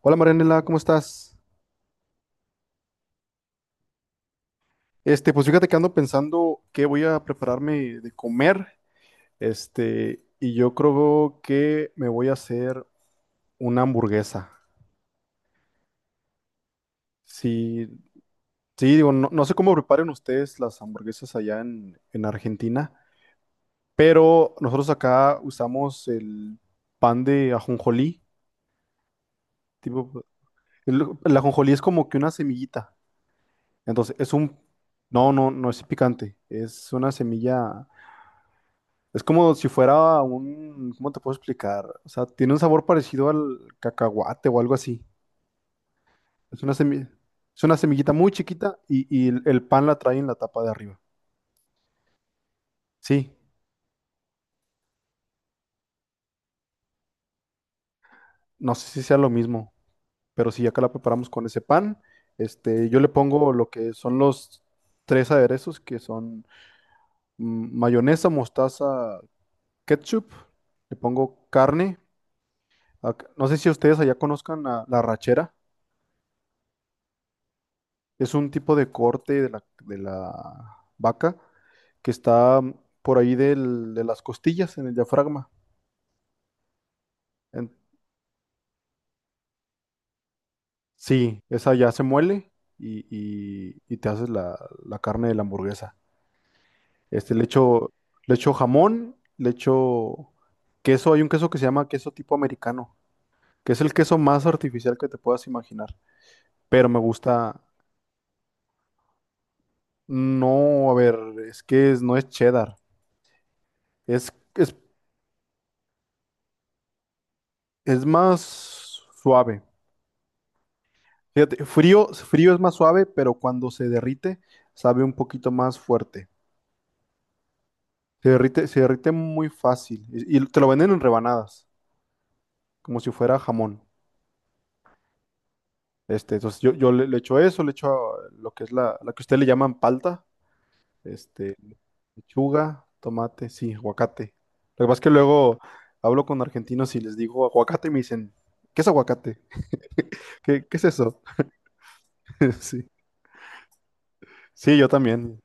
Hola Marianela, ¿cómo estás? Pues fíjate que ando pensando qué voy a prepararme de comer. Y yo creo que me voy a hacer una hamburguesa. Sí, sí, digo, no, no sé cómo preparen ustedes las hamburguesas allá en Argentina, pero nosotros acá usamos el pan de ajonjolí. Tipo, el ajonjolí es como que una semillita. Entonces, no, no, no es picante, es una semilla. Es como si fuera un, ¿Cómo te puedo explicar? O sea, tiene un sabor parecido al cacahuate o algo así. Es una semilla, es una semillita muy chiquita y el pan la trae en la tapa de arriba. Sí, no sé si sea lo mismo, pero sí, acá la preparamos con ese pan. Yo le pongo lo que son los tres aderezos, que son mayonesa, mostaza, ketchup. Le pongo carne. No sé si ustedes allá conozcan la arrachera. Es un tipo de corte de la vaca que está por ahí de las costillas, en el diafragma. En- sí, esa ya se muele y te haces la carne de la hamburguesa. Este, le echo, le echo jamón, le echo queso. Hay un queso que se llama queso tipo americano, que es el queso más artificial que te puedas imaginar. Pero me gusta. No, a ver, es que no es cheddar. Es, es, es más suave. Fíjate, frío, frío es más suave, pero cuando se derrite, sabe un poquito más fuerte. Se derrite muy fácil. Y te lo venden en rebanadas, como si fuera jamón. Entonces yo le echo eso, le echo lo que es la que ustedes le llaman palta, este, lechuga, tomate, sí, aguacate. Lo que pasa es que luego hablo con argentinos y les digo aguacate y me dicen, ¿qué es aguacate? ¿Qué es eso? Sí. Sí, yo también.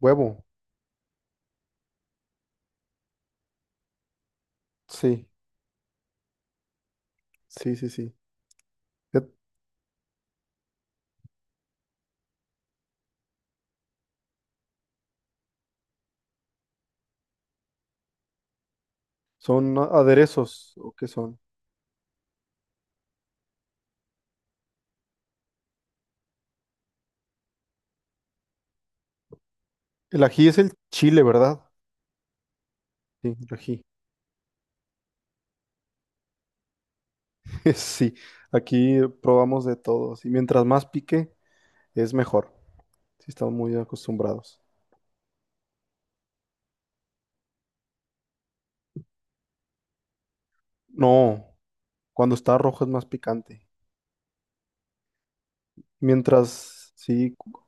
Huevo. Sí, sí, sí, sí. Son aderezos, ¿o qué son? El ají es el chile, ¿verdad? Sí, el ají. Sí, aquí probamos de todo. Y mientras más pique, es mejor. Sí, estamos muy acostumbrados. No, cuando está rojo es más picante. Mientras, sí,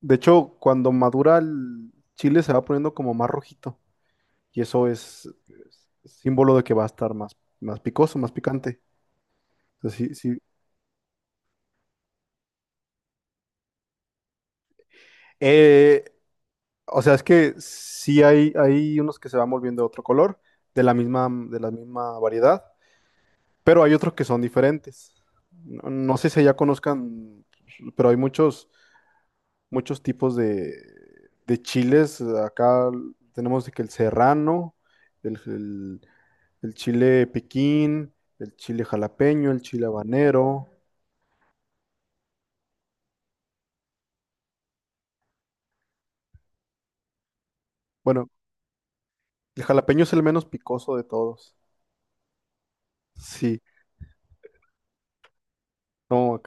de hecho, cuando madura el chile se va poniendo como más rojito. Y eso es símbolo de que va a estar más, más picoso, más picante. Entonces, sí, sí. Eh, O sea, es que sí hay unos que se van volviendo de otro color, de la misma variedad, pero hay otros que son diferentes. No, no sé si ya conozcan, pero hay muchos, muchos tipos de chiles. Acá tenemos de que el serrano, el, el- el chile piquín, el chile jalapeño, el chile habanero. Bueno, el jalapeño es el menos picoso de todos. Sí, no,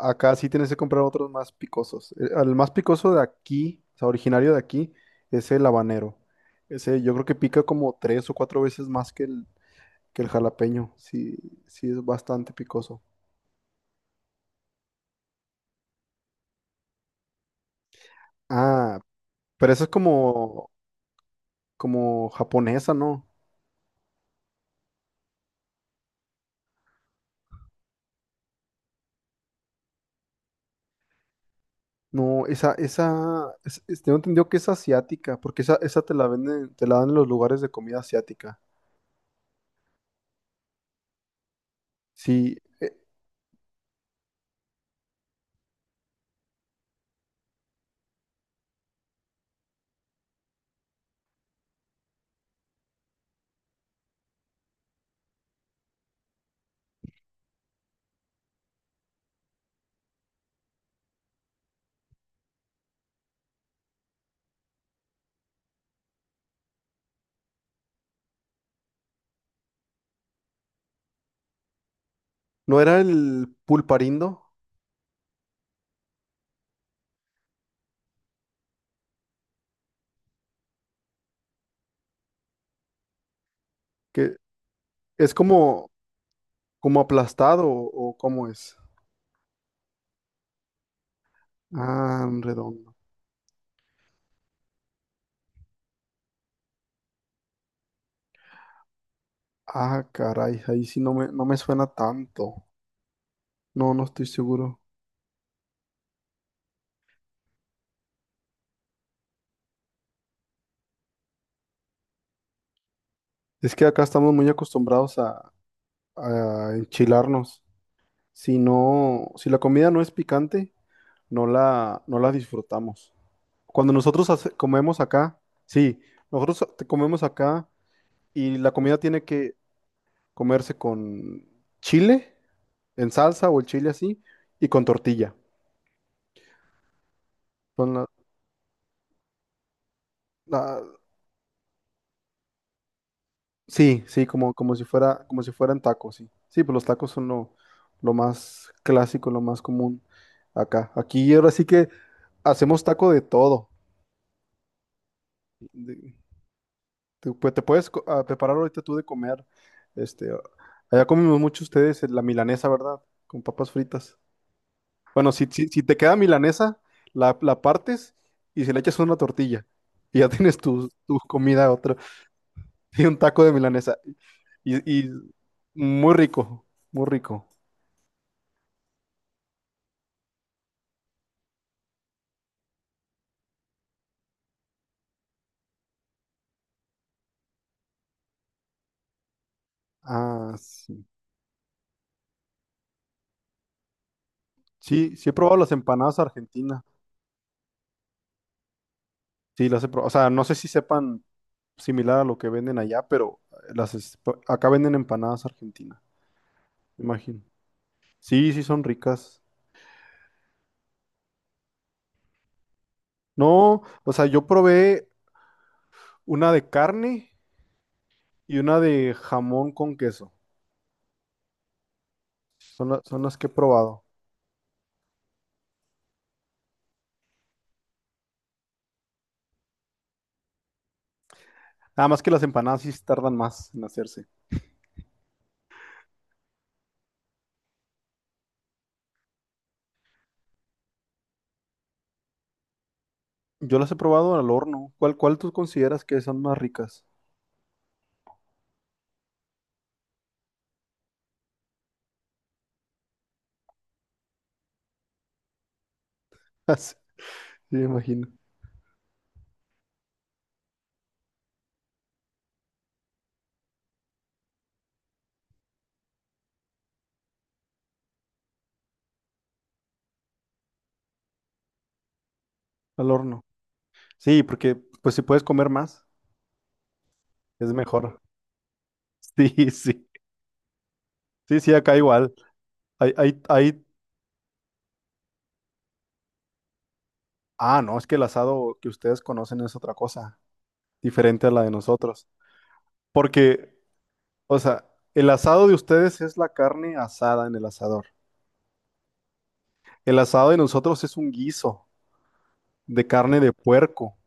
acá sí tienes que comprar otros más picosos. El más picoso de aquí, o sea, originario de aquí, es el habanero. Ese yo creo que pica como tres o cuatro veces más que el jalapeño. Sí, sí es bastante picoso. Ah, pero esa es como japonesa, ¿no? No, tengo entendido que es asiática, porque esa te la venden, te la dan en los lugares de comida asiática. Sí, ¿no era el pulparindo? Que es como, ¿Como aplastado o cómo es? Ah, un redondo. Ah, caray, ahí sí no me suena tanto. No, no estoy seguro. Es que acá estamos muy acostumbrados a enchilarnos. Si no, si la comida no es picante, no la disfrutamos. Cuando nosotros comemos acá, sí, nosotros comemos acá y la comida tiene que comerse con chile en salsa o el chile así y con tortilla. Son la- la- Sí, sí, como si fuera, como si fueran tacos, sí. Sí, pues los tacos son lo más clásico, lo más común acá. Aquí ahora sí que hacemos taco de todo. De- te puedes preparar ahorita tú de comer. Este, Allá comemos mucho ustedes la milanesa, ¿verdad? Con papas fritas. Bueno, si te queda milanesa, la partes y se le echas una tortilla. Y ya tienes tu comida, otra. Y un taco de milanesa. Y muy rico, muy rico. Ah, sí. Sí, sí he probado las empanadas argentinas. Sí, las he probado. O sea, no sé si sepan similar a lo que venden allá, pero las es- acá venden empanadas argentinas, me imagino. Sí, sí son ricas. No, o sea, yo probé una de carne y una de jamón con queso. Son las que he probado. Nada más que las empanadas sí tardan más en hacerse. Yo las he probado al horno. ¿Cuál tú consideras que son más ricas? Sí, me imagino. Al horno. Sí, porque pues si puedes comer más. Es mejor. Sí, sí. Sí, sí, acá igual. Hay, hay, hay... Ah, no, es que el asado que ustedes conocen es otra cosa, diferente a la de nosotros. Porque, o sea, el asado de ustedes es la carne asada en el asador. El asado de nosotros es un guiso de carne de puerco.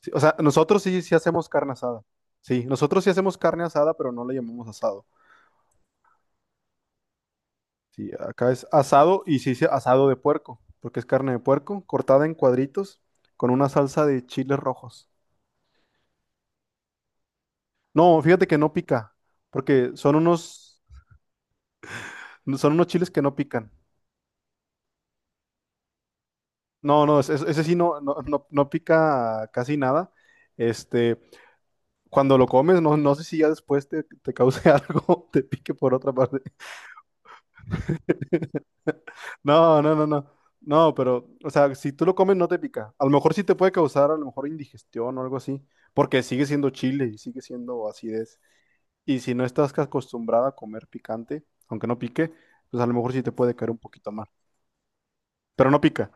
Sí, o sea, nosotros sí hacemos carne asada. Sí, nosotros sí hacemos carne asada, pero no le llamamos asado. Sí, acá es asado y sí, sí, asado de puerco, porque es carne de puerco cortada en cuadritos con una salsa de chiles rojos. No, fíjate que no pica, porque son unos chiles que no pican. No, no, ese, sí. No, no, no, no pica casi nada. Este, Cuando lo comes, no, no sé si ya después te cause algo, te pique por otra parte. No, no, no, no. No, pero, o sea, si tú lo comes no te pica. A lo mejor sí te puede causar a lo mejor indigestión o algo así, porque sigue siendo chile y sigue siendo acidez. Y si no estás acostumbrada a comer picante, aunque no pique, pues a lo mejor sí te puede caer un poquito mal. Pero no pica.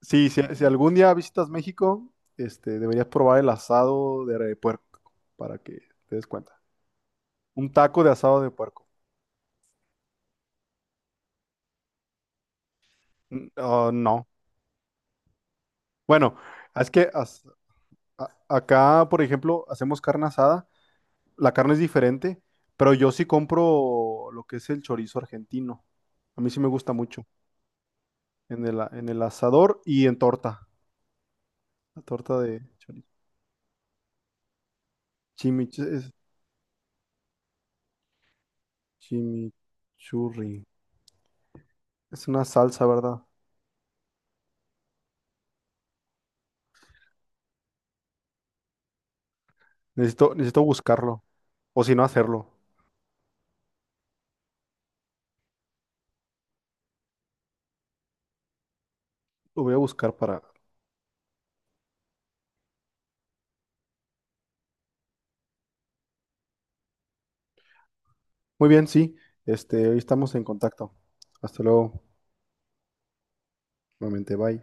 Sí, si algún día visitas México, deberías probar el asado de puerco para que te des cuenta. Un taco de asado de puerco. Mm, no. Bueno, es que acá, por ejemplo, hacemos carne asada. La carne es diferente, pero yo sí compro lo que es el chorizo argentino. A mí sí me gusta mucho. En el asador y en torta. La torta de chorizo. Chimich Es chimichurri. Es una salsa, ¿verdad? Necesito buscarlo. O si no, hacerlo. Lo voy a buscar para... Muy bien, sí. Hoy estamos en contacto. Hasta luego. Nuevamente, bye.